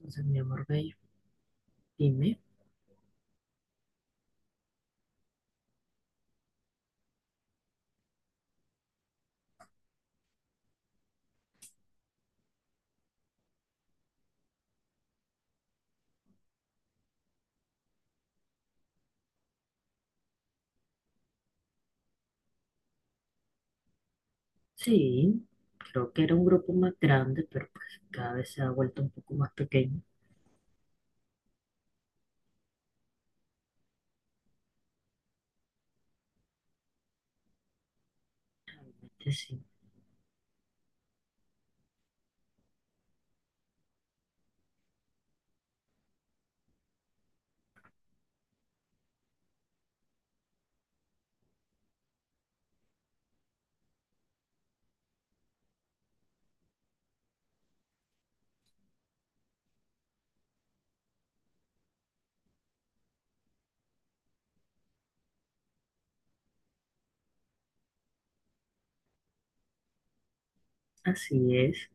Entonces, mi amor bello, dime, sí, creo que era un grupo más grande, pero pues cada vez se ha vuelto un poco más pequeño. Entonces, sí, así es.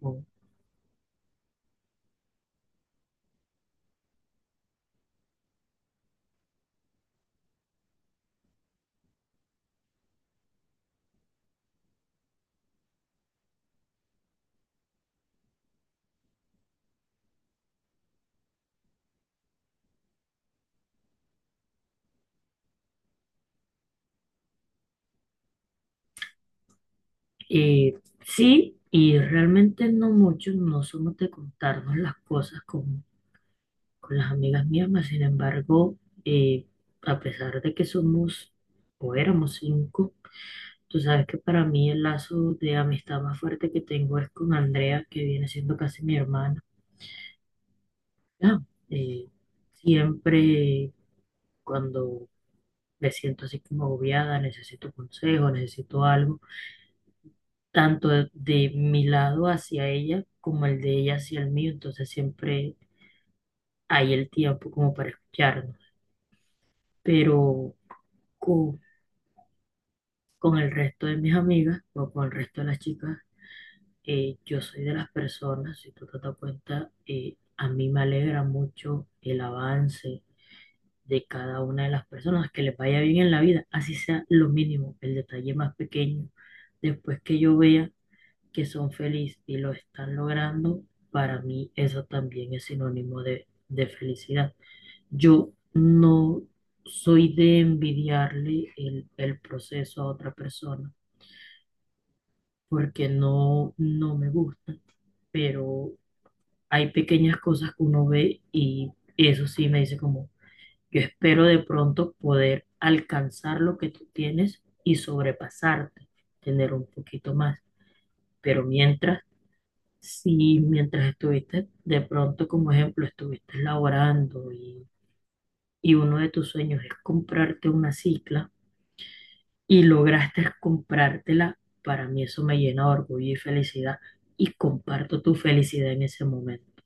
Ojo. Eh, sí, y realmente no muchos no somos de contarnos las cosas con las amigas mismas. Sin embargo, eh, a pesar de que somos o éramos cinco, tú sabes que para mí el lazo de amistad más fuerte que tengo es con Andrea, que viene siendo casi mi hermana. Ya, eh, siempre cuando me siento así como agobiada, necesito consejo, necesito algo, tanto de mi lado hacia ella como el de ella hacia el mío, entonces siempre hay el tiempo como para escucharnos. Pero co- con, el resto de mis amigas o con el resto de las chicas, yo soy de las personas, si tú te das cuenta, a mí me alegra mucho el avance de cada una de las personas, que les vaya bien en la vida, así sea lo mínimo, el detalle más pequeño. Después que yo vea que son felices y lo están logrando, para mí eso también es sinónimo de, felicidad. Yo no soy de envidiarle el proceso a otra persona porque no, no me gusta, pero hay pequeñas cosas que uno ve y eso sí me dice como: yo espero de pronto poder alcanzar lo que tú tienes y sobrepasarte, tener un poquito más. Pero mientras, si mientras estuviste, de pronto como ejemplo, estuviste laborando y uno de tus sueños es comprarte una cicla y lograste comprártela, para mí eso me llena de orgullo y felicidad y comparto tu felicidad en ese momento.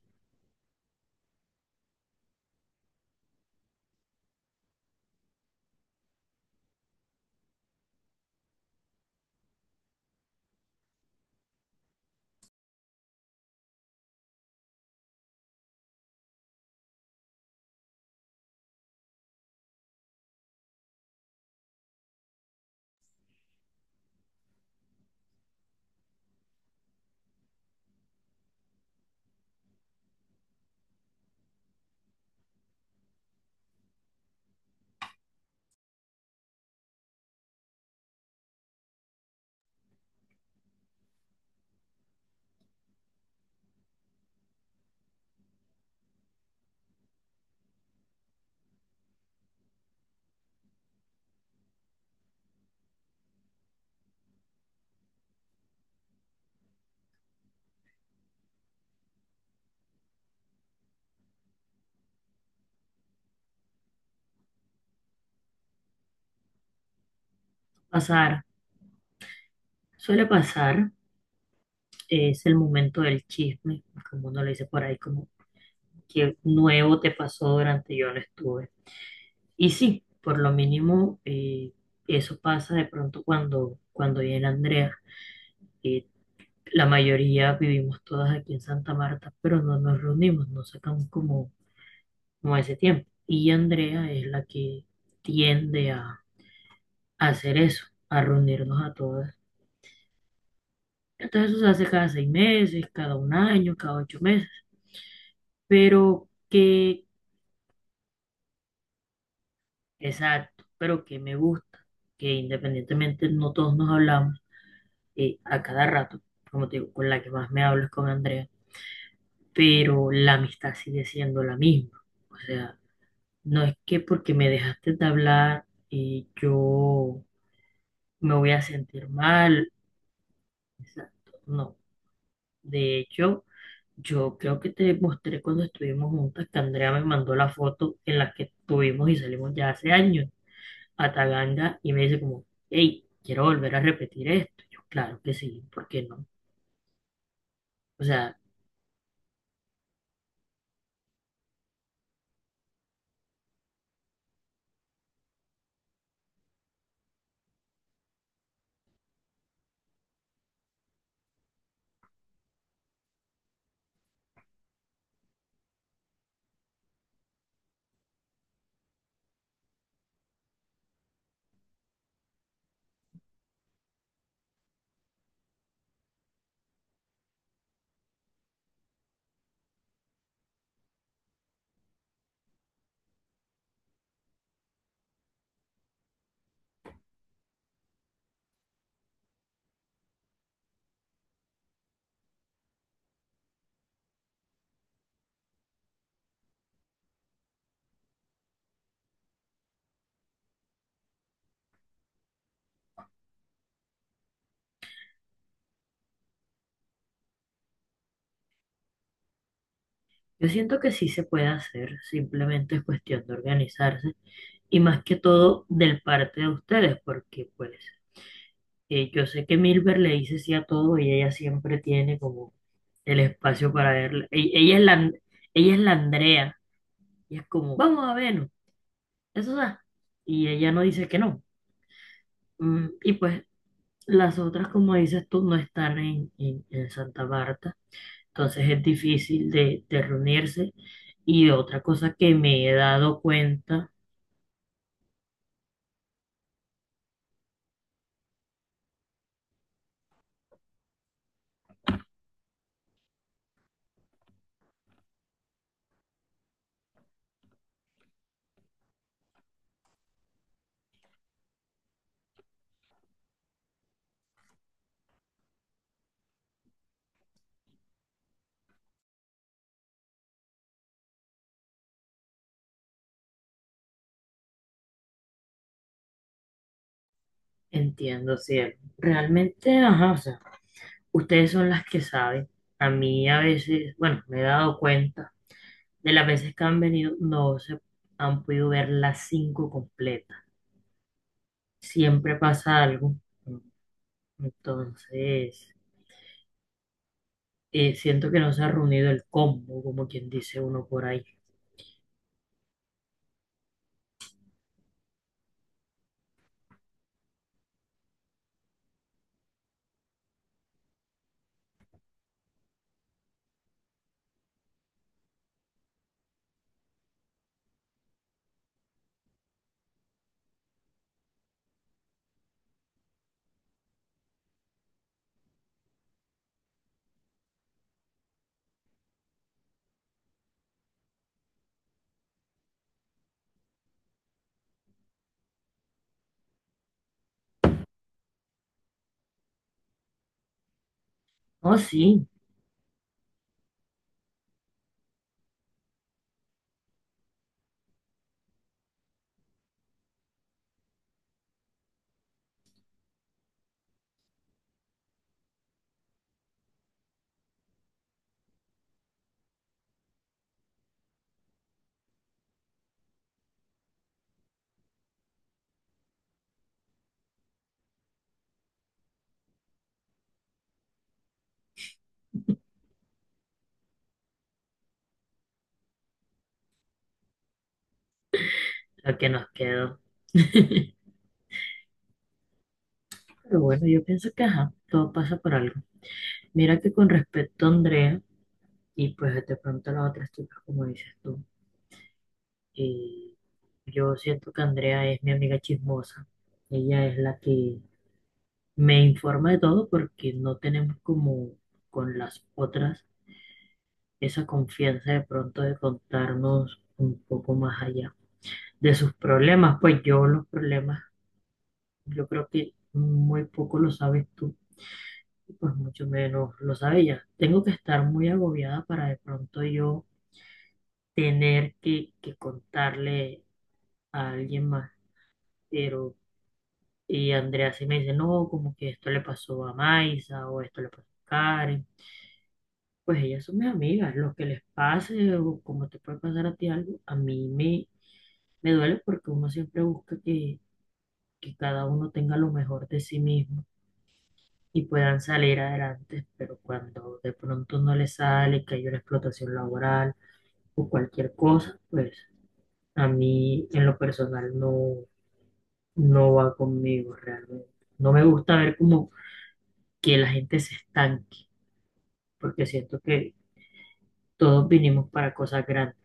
Pasar, Suele pasar, es el momento del chisme, como uno le dice por ahí, como qué nuevo te pasó durante yo no estuve. Y sí, por lo mínimo, eso pasa de pronto cuando, viene Andrea. Eh, la mayoría vivimos todas aquí en Santa Marta, pero no nos reunimos, no sacamos como, ese tiempo. Y Andrea es la que tiende a hacer eso, a reunirnos a todas. Entonces eso se hace cada 6 meses, cada un año, cada 8 meses. Pero, que... Exacto, pero que me gusta que independientemente no todos nos hablamos a cada rato, como te digo, con la que más me hablo es con Andrea, pero la amistad sigue siendo la misma. O sea, no es que porque me dejaste de hablar yo me voy a sentir mal, exacto, no. De hecho, yo creo que te mostré cuando estuvimos juntas que Andrea me mandó la foto en la que estuvimos y salimos ya hace años. A Taganda y me dice como, hey, quiero volver a repetir esto. Yo, claro que sí, ¿por qué no? O sea, yo siento que sí se puede hacer, simplemente es cuestión de organizarse y más que todo del parte de ustedes, porque pues yo sé que Milber le dice sí a todo y ella siempre tiene como el espacio para verla. Ella es la, Andrea y es como, vamos a vernos, eso da. Y ella no dice que no. Y pues las otras, como dices tú, no están en, en Santa Marta, entonces es difícil de, reunirse. Y otra cosa que me he dado cuenta, entiendo, si realmente, ajá, o sea, ustedes son las que saben. A mí a veces, bueno, me he dado cuenta de las veces que han venido, no se han podido ver las cinco completas. Siempre pasa algo. Entonces, siento que no se ha reunido el combo, como quien dice uno por ahí. Oh, sí, lo que nos quedó. Pero bueno, yo pienso que ajá, todo pasa por algo. Mira que con respecto a Andrea, y pues de pronto a las otras chicas, como dices tú, y yo siento que Andrea es mi amiga chismosa. Ella es la que me informa de todo porque no tenemos como con las otras esa confianza de pronto de contarnos un poco más allá de sus problemas. Pues yo los problemas, yo creo que muy poco lo sabes tú, pues mucho menos lo sabe ella. Tengo que estar muy agobiada para de pronto yo tener que, contarle a alguien más. Pero, y Andrea sí me dice, no, como que esto le pasó a Maisa o esto le pasó a Karen. Pues ellas son mis amigas, lo que les pase o como te puede pasar a ti algo, a mí me, duele porque uno siempre busca que cada uno tenga lo mejor de sí mismo y puedan salir adelante, pero cuando de pronto no les sale, que hay una explotación laboral, o cualquier cosa, pues a mí en lo personal no, no va conmigo realmente. No me gusta ver como que la gente se estanque, porque siento que todos vinimos para cosas grandes.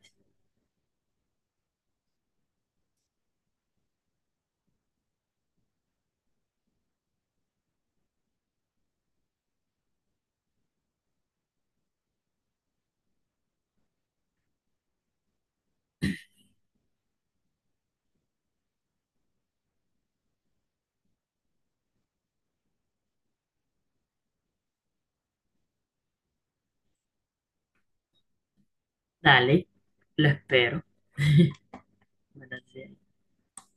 Dale, lo espero. Buenas noches.